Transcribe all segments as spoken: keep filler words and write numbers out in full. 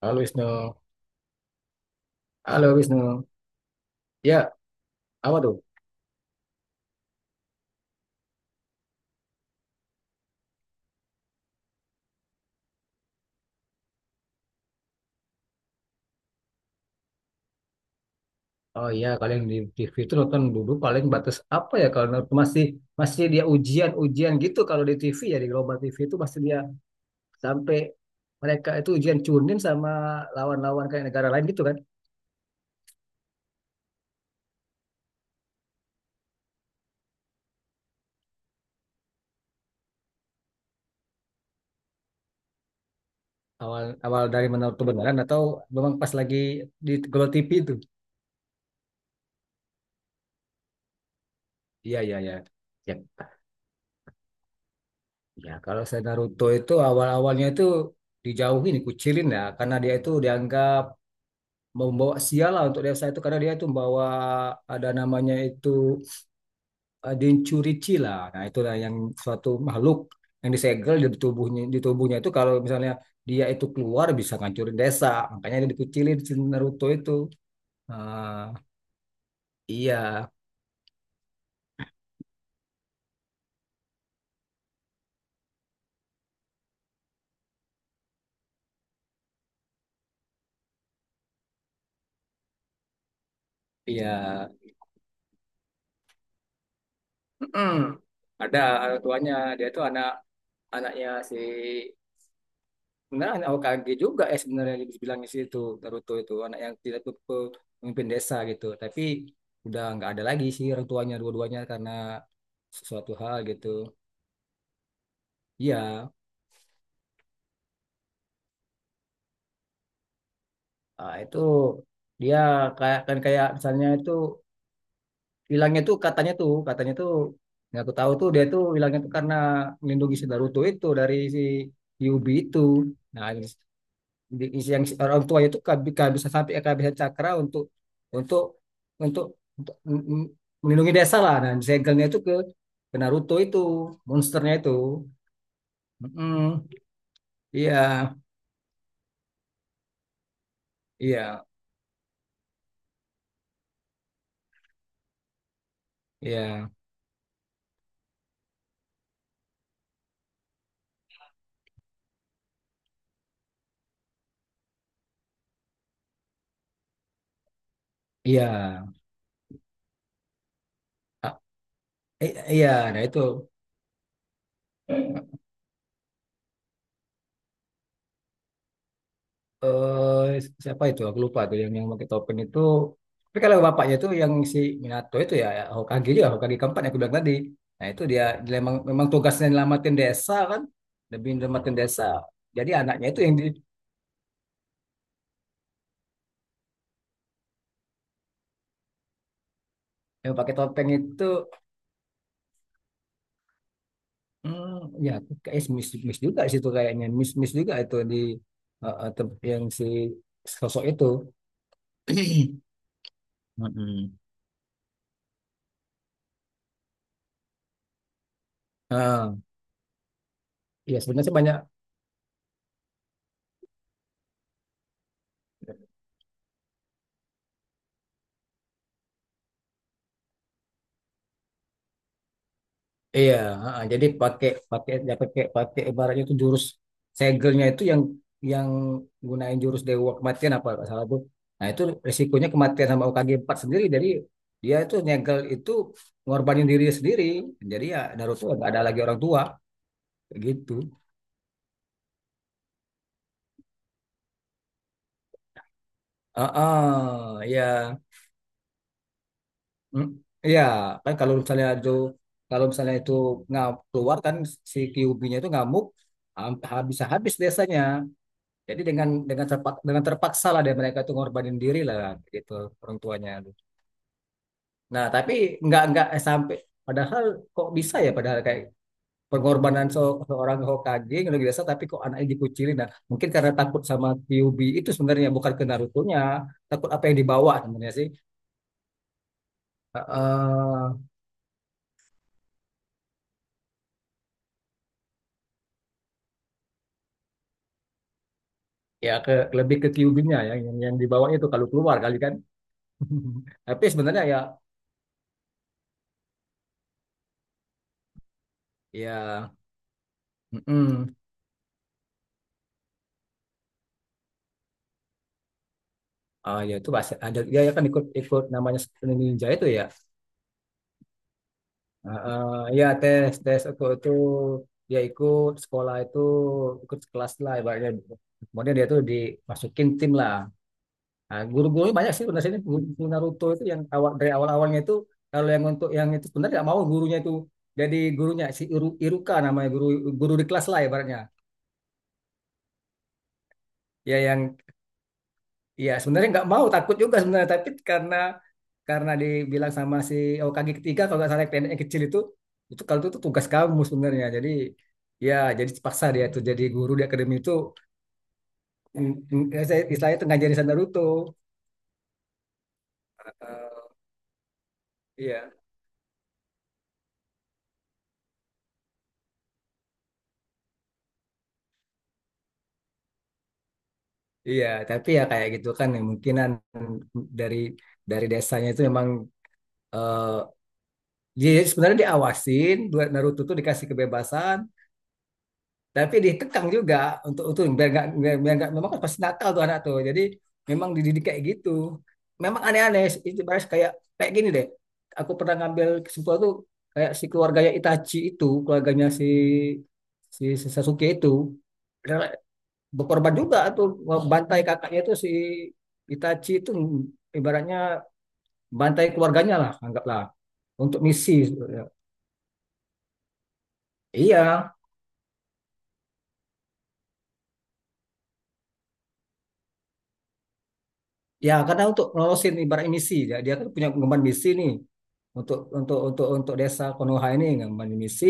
Halo Wisnu. Halo Wisnu. Ya, apa tuh? Oh iya, kalian di T V itu nonton dulu paling batas apa ya kalau nonton- masih masih dia ujian-ujian gitu kalau di T V ya di Global T V itu masih dia sampai mereka itu ujian cunin sama lawan-lawan kayak negara lain gitu kan. Awal awal dari mana tuh atau memang pas lagi di Global T V itu. Iya, iya, iya. Ya, ya kalau saya Naruto itu awal-awalnya itu dijauhin, dikucilin ya karena dia itu dianggap membawa sial lah untuk desa itu karena dia itu membawa ada namanya itu eh, densurici lah. Nah, itulah yang suatu makhluk yang disegel di tubuhnya di tubuhnya itu kalau misalnya dia itu keluar bisa ngancurin desa. Makanya dia dikucilin si Naruto itu. Ah, iya, iya. Mm-mm. Ada orang tuanya, dia itu anak anaknya si, nah, anak O K G juga ya sebenarnya dibilang di situ. Naruto itu anak yang tidak tuh pemimpin desa gitu. Tapi udah nggak ada lagi sih orang tuanya dua-duanya karena sesuatu hal gitu. Iya, ah, itu dia kayak, kan kayak misalnya itu hilangnya tuh katanya tuh katanya tuh nggak aku tahu tuh dia tuh hilangnya tuh karena melindungi si Naruto itu dari si Yubi itu. Nah, di- yang orang tua itu kehabi- kehabisan sampai kehabisan cakra untuk untuk untuk, untuk m- m- melindungi desa lah dan segelnya itu ke ke Naruto itu, monsternya itu. Mm-mm. Iya, iya, iya, iya. Ah, i- iya, nah itu, eh si-, siapa itu aku lupa tuh yang yang pakai topeng itu, tapi kalau bapaknya itu yang si Minato itu, ya ya, Hokage juga, Hokage keempat yang aku bilang tadi. Nah itu dia, dia memang, memang tugasnya nyelamatin desa kan, lebih nyelamatin desa, jadi anaknya itu yang di yang pakai topeng itu. Hmm, ya aku kayak miss miss juga sih itu, kayaknya miss miss juga itu di, eh, eh, tem- yang si sosok itu. Mm-mm. Ah, Ya sebenarnya sih banyak. Iya, heeh. Jadi pakai, pakai ya, pakai pakai ibaratnya itu jurus segelnya itu yang yang gunain jurus dewa kematian apa nggak salah tuh. Nah itu risikonya kematian sama U K G empat sendiri. Jadi dia itu nyegel itu, ngorbanin diri sendiri. Jadi ya Naruto nggak ada lagi orang tua kayak gitu. Ah, ya, Mm, Ya kan kalau misalnya itu, kalau misalnya itu nggak keluar kan, si Kyuubi-nya itu ngamuk, ham- habis habis desanya. Jadi dengan dengan terpak, dengan terpaksa lah dan mereka itu ngorbanin diri lah gitu orang tuanya. Nah tapi nggak nggak eh, sampai padahal kok bisa ya, padahal kayak pengorbanan se- seorang Hokage yang luar biasa tapi kok anaknya dikucilin. Nah mungkin karena takut sama Kyuubi itu sebenarnya, bukan ke Naruto-nya, takut apa yang dibawa sebenarnya sih. Eh, eh, Ya ke lebih ke Kyuubi-nya ya, yang yang dibawa itu kalau keluar kali kan. Tapi sebenarnya ya, ya, mm-mm. Ah ya itu bahasa ada ya ya kan, ikut ikut namanya ninja itu ya. Heeh, ya tes tes aku itu, dia ikut sekolah itu, ikut kelas lah ibaratnya. Kemudian dia tuh dimasukin tim lah. Nah, guru-gurunya banyak sih sebenarnya ini, guru Naruto itu yang awal dari awal-awalnya itu kalau yang untuk yang itu sebenarnya nggak mau gurunya itu, jadi gurunya si Iru- Iruka namanya, guru guru di kelas lah ibaratnya. Ya yang, iya sebenarnya nggak mau, takut juga sebenarnya, tapi karena karena dibilang sama si O K G ketiga kalau nggak salah, yang pendek, yang kecil itu itu kalau itu, tuh tugas kamu sebenarnya. Jadi ya jadi terpaksa dia tuh jadi guru di akademi itu. Mm, mm, ya saya istilahnya itu ngajarin saya Naruto. Eh, iya. Iya, tapi ya kayak gitu kan ya, mungkinan dari dari desanya itu memang, eh, dia sebenarnya diawasin buat Naruto tuh, dikasih kebebasan tapi dikekang juga, untuk itu biar nggak, biar biar nggak, memang kan pasti nakal tuh anak tuh, jadi memang dididik kayak gitu, memang aneh-aneh itu baris kayak kayak gini deh. Aku pernah ngambil kesimpulan tuh, kayak si keluarganya Itachi itu, keluarganya si si, si Sasuke itu rela berkorban juga tuh, bantai kakaknya itu si Itachi itu, ibaratnya bantai keluarganya lah anggaplah, untuk misi. Iya, ya karena untuk ngelolosin ibarat misi, ya, dia kan punya pengemban misi nih, untuk untuk untuk untuk desa Konoha ini pengemban misi,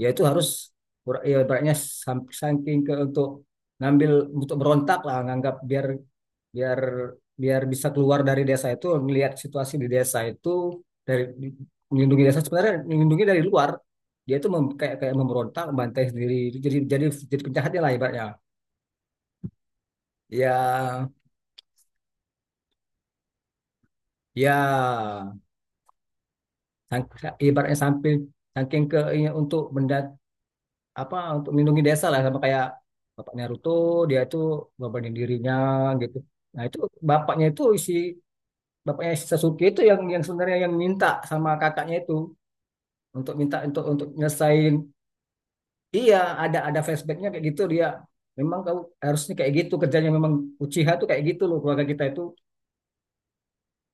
ya itu harus ber- ya, ibaratnya sam- saking ke, untuk ngambil, untuk berontak lah, nganggap biar, biar biar bisa keluar dari desa itu, melihat situasi di desa itu, dari melindungi desa, sebenarnya melindungi dari luar, dia itu mem- kayak, kayak memberontak, bantai sendiri, jadi, jadi jadi penjahatnya lah ibaratnya. Ya, ya. Sang- Ibaratnya sambil saking ke ini, untuk benda apa, untuk melindungi desa lah sama kayak bapak Naruto, dia itu ngorbanin dirinya gitu. Nah itu bapaknya itu isi, bapaknya si Sasuke itu yang yang sebenarnya yang minta sama kakaknya itu, untuk minta untuk untuk nyelesain. Iya, ada ada flashbacknya kayak gitu, dia memang kau harusnya kayak gitu kerjanya, memang Uchiha tuh kayak gitu loh, keluarga kita itu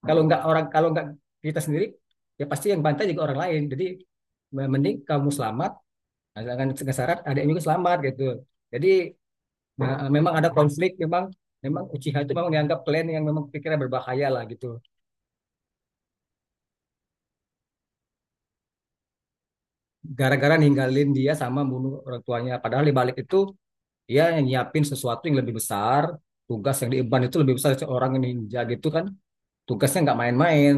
kalau nggak orang, kalau nggak kita sendiri, ya pasti yang bantai juga orang lain, jadi mending kamu selamat asalkan syarat ada yang juga selamat gitu. Jadi nah, memang ada konflik, memang, memang Uchiha itu memang dianggap klan yang memang pikirnya berbahaya lah gitu. Gara-gara ninggalin dia sama bunuh orang tuanya, padahal di balik itu dia yang nyiapin sesuatu yang lebih besar, tugas yang diemban itu lebih besar seorang ninja gitu kan, tugasnya nggak main-main.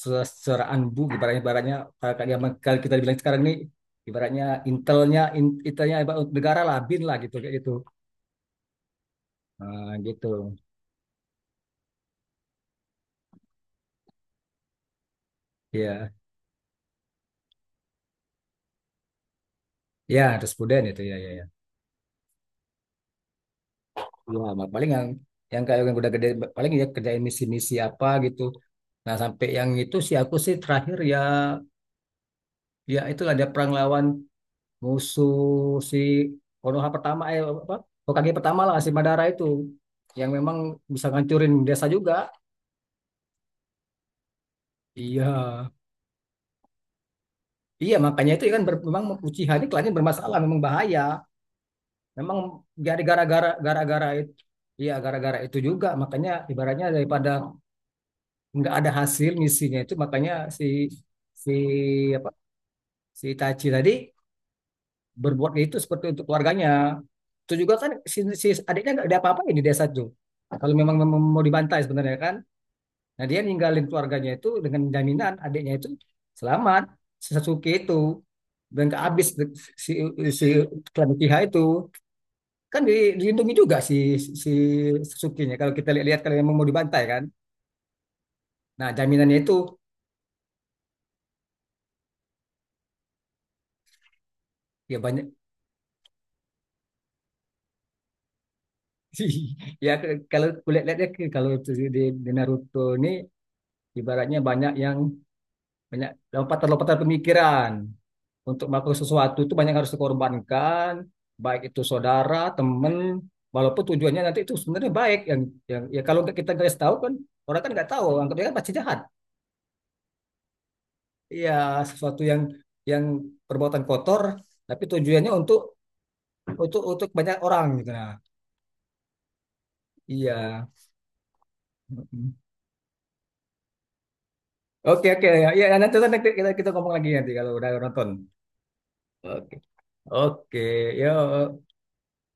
Se- seraan bu ibaratnya, ibaratnya kalau yang kalau kita bilang sekarang ini ibaratnya intelnya, intelnya ibarat negara lah bin lah gitu kayak gitu. Nah, gitu, ya. Ya, terus Puden itu ya, ya, ya. Ya, Mat. Paling yang yang kayak yang udah gede paling ya kerjain misi-misi apa gitu. Nah, sampai yang itu sih aku sih terakhir ya, ya itulah ada perang lawan musuh si Konoha pertama eh apa? Hokage pertama lah si Madara itu yang memang bisa ngancurin desa juga. Iya. Iya, makanya itu kan ber- memang Uchiha ini kelihatannya bermasalah, memang bahaya. Memang gara-gara, gara-gara itu. Iya, gara-gara itu juga. Makanya ibaratnya daripada nggak ada hasil misinya itu makanya si si apa si Itachi tadi berbuat itu seperti untuk keluarganya, itu juga kan si, si adiknya nggak ada apa-apain di desa itu kalau memang mem- mau dibantai sebenarnya kan. Nah dia ninggalin keluarganya itu dengan jaminan adiknya itu selamat, si Sasuke itu, dan nggak habis si si klan Uchiha itu, kan di- dilindungi juga si si Sasuke-nya kalau kita lihat-lihat kalau memang mau dibantai kan, nah jaminannya itu, ya banyak. Ya kalau kulit lihatnya ke kalau itu di, di Naruto ini, ibaratnya banyak yang, banyak lompatan-lompatan pemikiran untuk melakukan sesuatu itu, banyak yang harus dikorbankan baik itu saudara teman, walaupun tujuannya nanti itu sebenarnya baik yang yang ya kalau nggak kita guys tahu kan, orang kan nggak tahu anggapnya kan pasti jahat. Ya sesuatu yang yang perbuatan kotor tapi tujuannya untuk, untuk untuk banyak orang gitu, nah, iya. Oke oke ya, ya nanti, nanti kita kita ngomong lagi nanti kalau udah nonton. Oke oke yo.